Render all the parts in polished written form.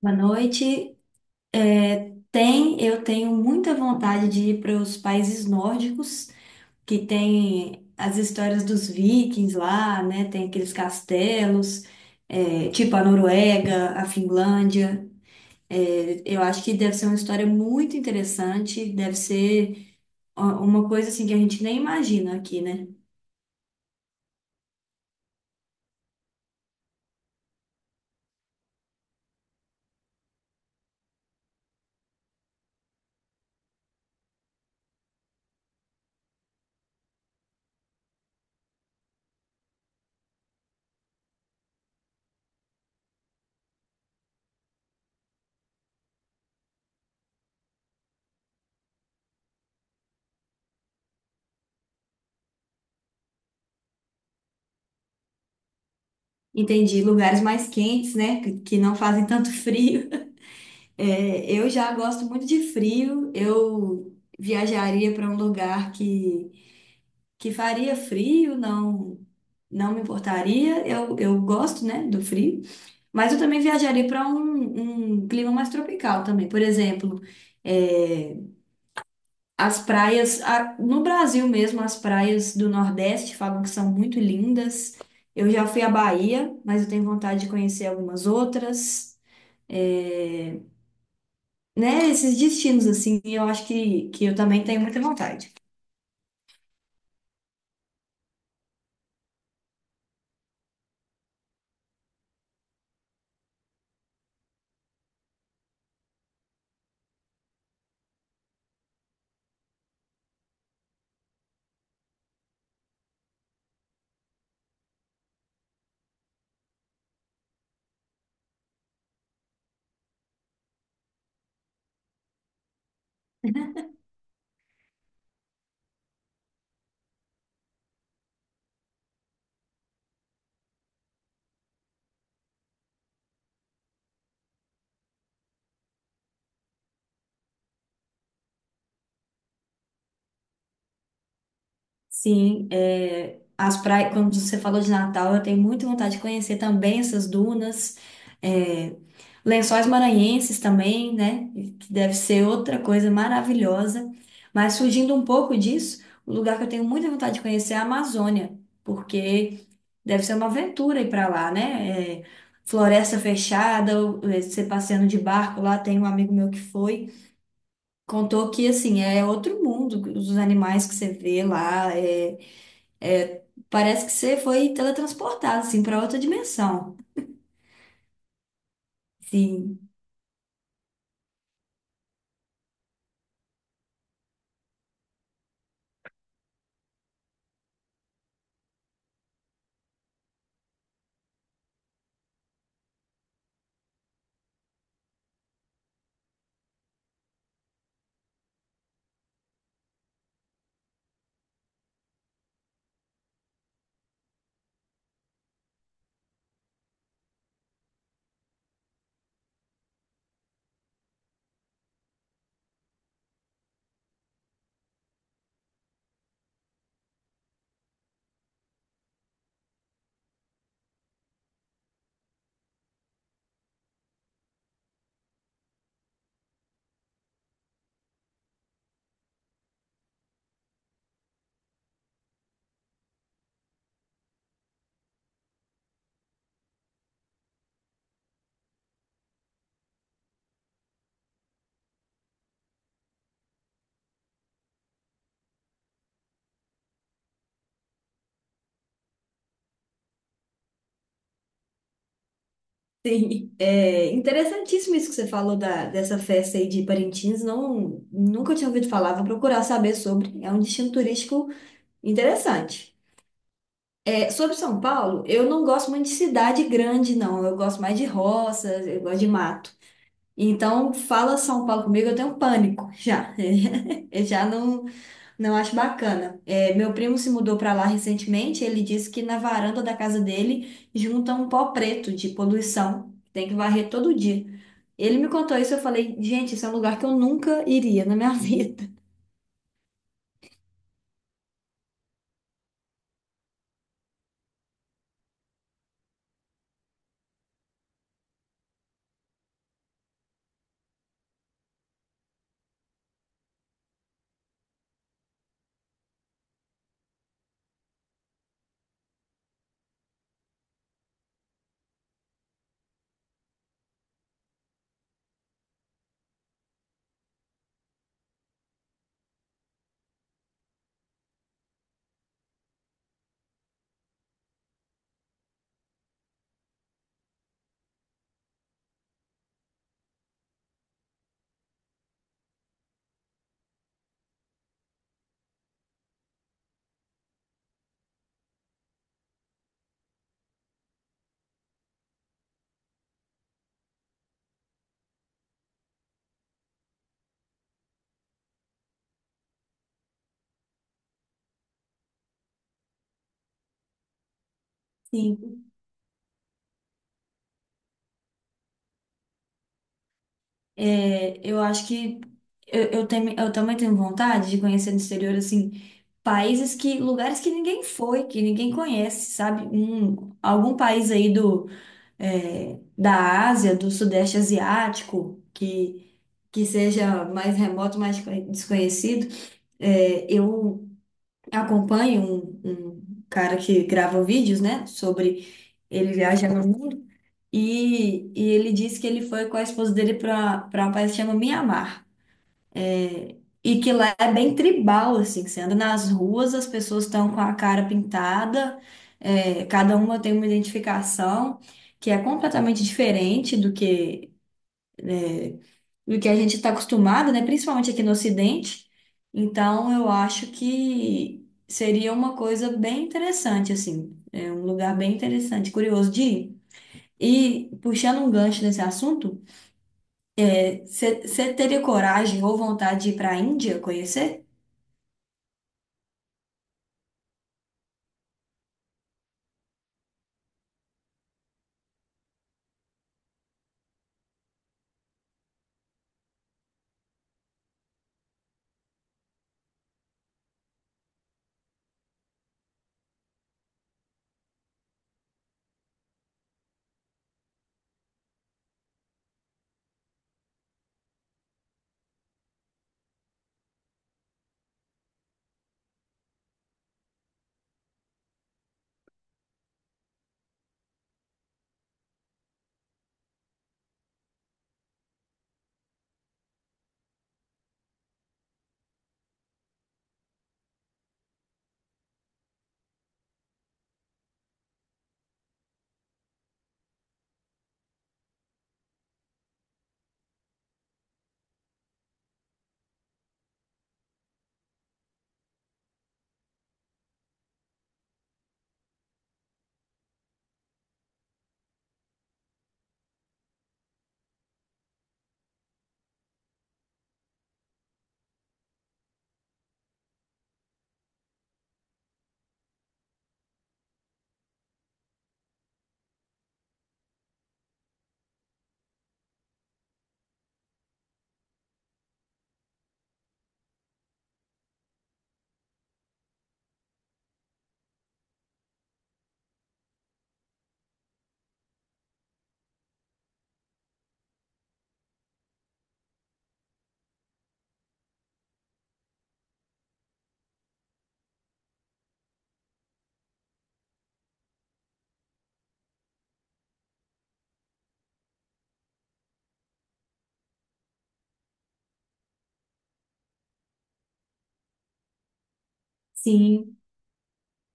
Boa noite. Eu tenho muita vontade de ir para os países nórdicos, que tem as histórias dos vikings lá, né? Tem aqueles castelos, tipo a Noruega, a Finlândia. Eu acho que deve ser uma história muito interessante, deve ser ó, uma coisa assim que a gente nem imagina aqui, né? Entendi, lugares mais quentes, né? Que não fazem tanto frio. É, eu já gosto muito de frio. Eu viajaria para um lugar que faria frio, não, não me importaria. Eu gosto, né, do frio. Mas eu também viajaria para um clima mais tropical também. Por exemplo, é, as praias, no Brasil mesmo, as praias do Nordeste falam que são muito lindas. Eu já fui à Bahia, mas eu tenho vontade de conhecer algumas outras. É, né, esses destinos, assim, eu acho que eu também tenho muita vontade. Sim, é, as praias, quando você falou de Natal, eu tenho muita vontade de conhecer também essas dunas, é, Lençóis Maranhenses também, né, que deve ser outra coisa maravilhosa. Mas fugindo um pouco disso, o lugar que eu tenho muita vontade de conhecer é a Amazônia, porque deve ser uma aventura ir para lá, né? É, floresta fechada, você passeando de barco lá, tem um amigo meu que foi. Contou que, assim, é outro mundo, os animais que você vê lá, é- parece que você foi teletransportado, assim, para outra dimensão. Sim, sim. É interessantíssimo isso que você falou dessa festa aí de Parintins, não, nunca tinha ouvido falar, vou procurar saber sobre, é um destino turístico interessante. É, sobre São Paulo, eu não gosto muito de cidade grande, não, eu gosto mais de roças, eu gosto de mato. Então, fala São Paulo comigo, eu tenho um pânico já. Eu já não, não acho bacana. É, meu primo se mudou para lá recentemente, ele disse que na varanda da casa dele junta um pó preto de poluição, tem que varrer todo dia. Ele me contou isso, eu falei, gente, esse é um lugar que eu nunca iria na minha vida. Sim, é, eu acho que eu também tenho vontade de conhecer no exterior, assim, lugares que ninguém foi, que ninguém conhece, sabe? Algum país aí do da Ásia, do Sudeste Asiático, que seja mais remoto, mais desconhecido. É, eu acompanho um cara que grava vídeos, né, sobre ele viaja no mundo, e ele disse que ele foi com a esposa dele para um país que chama Mianmar. E que lá é bem tribal, assim, que você anda nas ruas, as pessoas estão com a cara pintada, é, cada uma tem uma identificação que é completamente diferente do do que a gente está acostumado, né? Principalmente aqui no Ocidente. Então, eu acho que seria uma coisa bem interessante, assim, é um lugar bem interessante, curioso de ir. E puxando um gancho nesse assunto, é, você teria coragem ou vontade de ir para a Índia conhecer? Sim,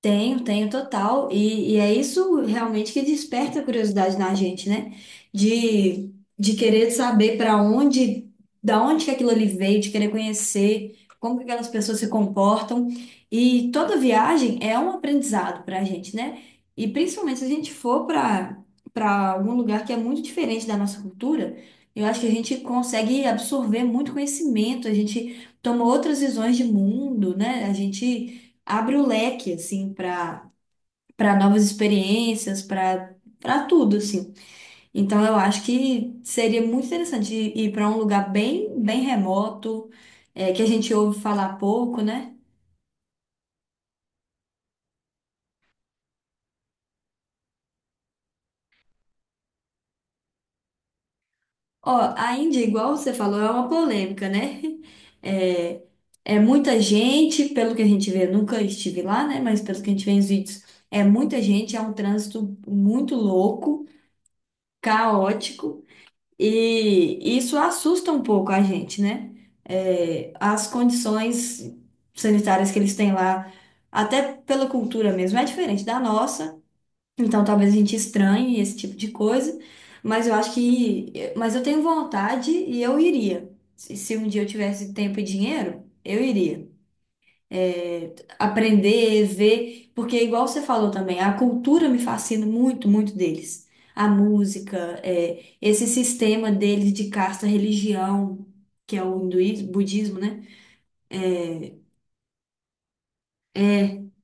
tenho, tenho total. E é isso realmente que desperta a curiosidade na gente, né? De querer saber para onde, da onde que aquilo ali veio, de querer conhecer como que aquelas pessoas se comportam. E toda viagem é um aprendizado para a gente, né? E principalmente se a gente for para algum lugar que é muito diferente da nossa cultura, eu acho que a gente consegue absorver muito conhecimento, a gente toma outras visões de mundo, né? A gente abre o leque, assim, para novas experiências, para tudo, assim. Então, eu acho que seria muito interessante ir, ir para um lugar bem, bem remoto, é, que a gente ouve falar pouco, né? Ó, a Índia, igual você falou, é uma polêmica, né? É, é muita gente, pelo que a gente vê, nunca estive lá, né? Mas pelo que a gente vê nos vídeos, é muita gente, é um trânsito muito louco, caótico. E isso assusta um pouco a gente, né? É, as condições sanitárias que eles têm lá, até pela cultura mesmo, é diferente da nossa. Então talvez a gente estranhe esse tipo de coisa, mas eu acho que, mas eu tenho vontade e eu iria. Se um dia eu tivesse tempo e dinheiro, eu iria aprender, ver, porque igual você falou também, a cultura me fascina muito, muito deles. A música, é, esse sistema deles de casta, religião, que é o hinduísmo, budismo, né?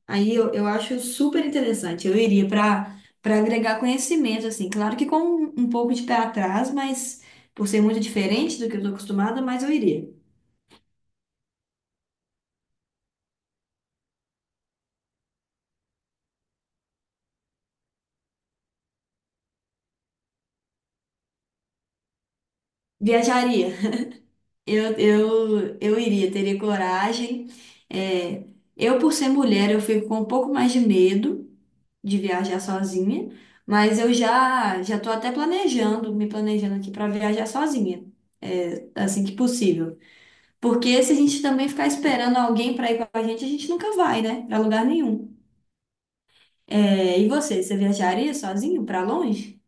Aí eu acho super interessante. Eu iria para agregar conhecimento, assim, claro que com um pouco de pé atrás, mas por ser muito diferente do que eu estou acostumada, mas eu iria. Viajaria. Eu iria, teria coragem. É, eu, por ser mulher, eu fico com um pouco mais de medo de viajar sozinha, mas eu já estou até planejando, me planejando aqui para viajar sozinha, é, assim que possível. Porque se a gente também ficar esperando alguém para ir com a gente nunca vai, né? Para lugar nenhum. É, e você viajaria sozinho para longe?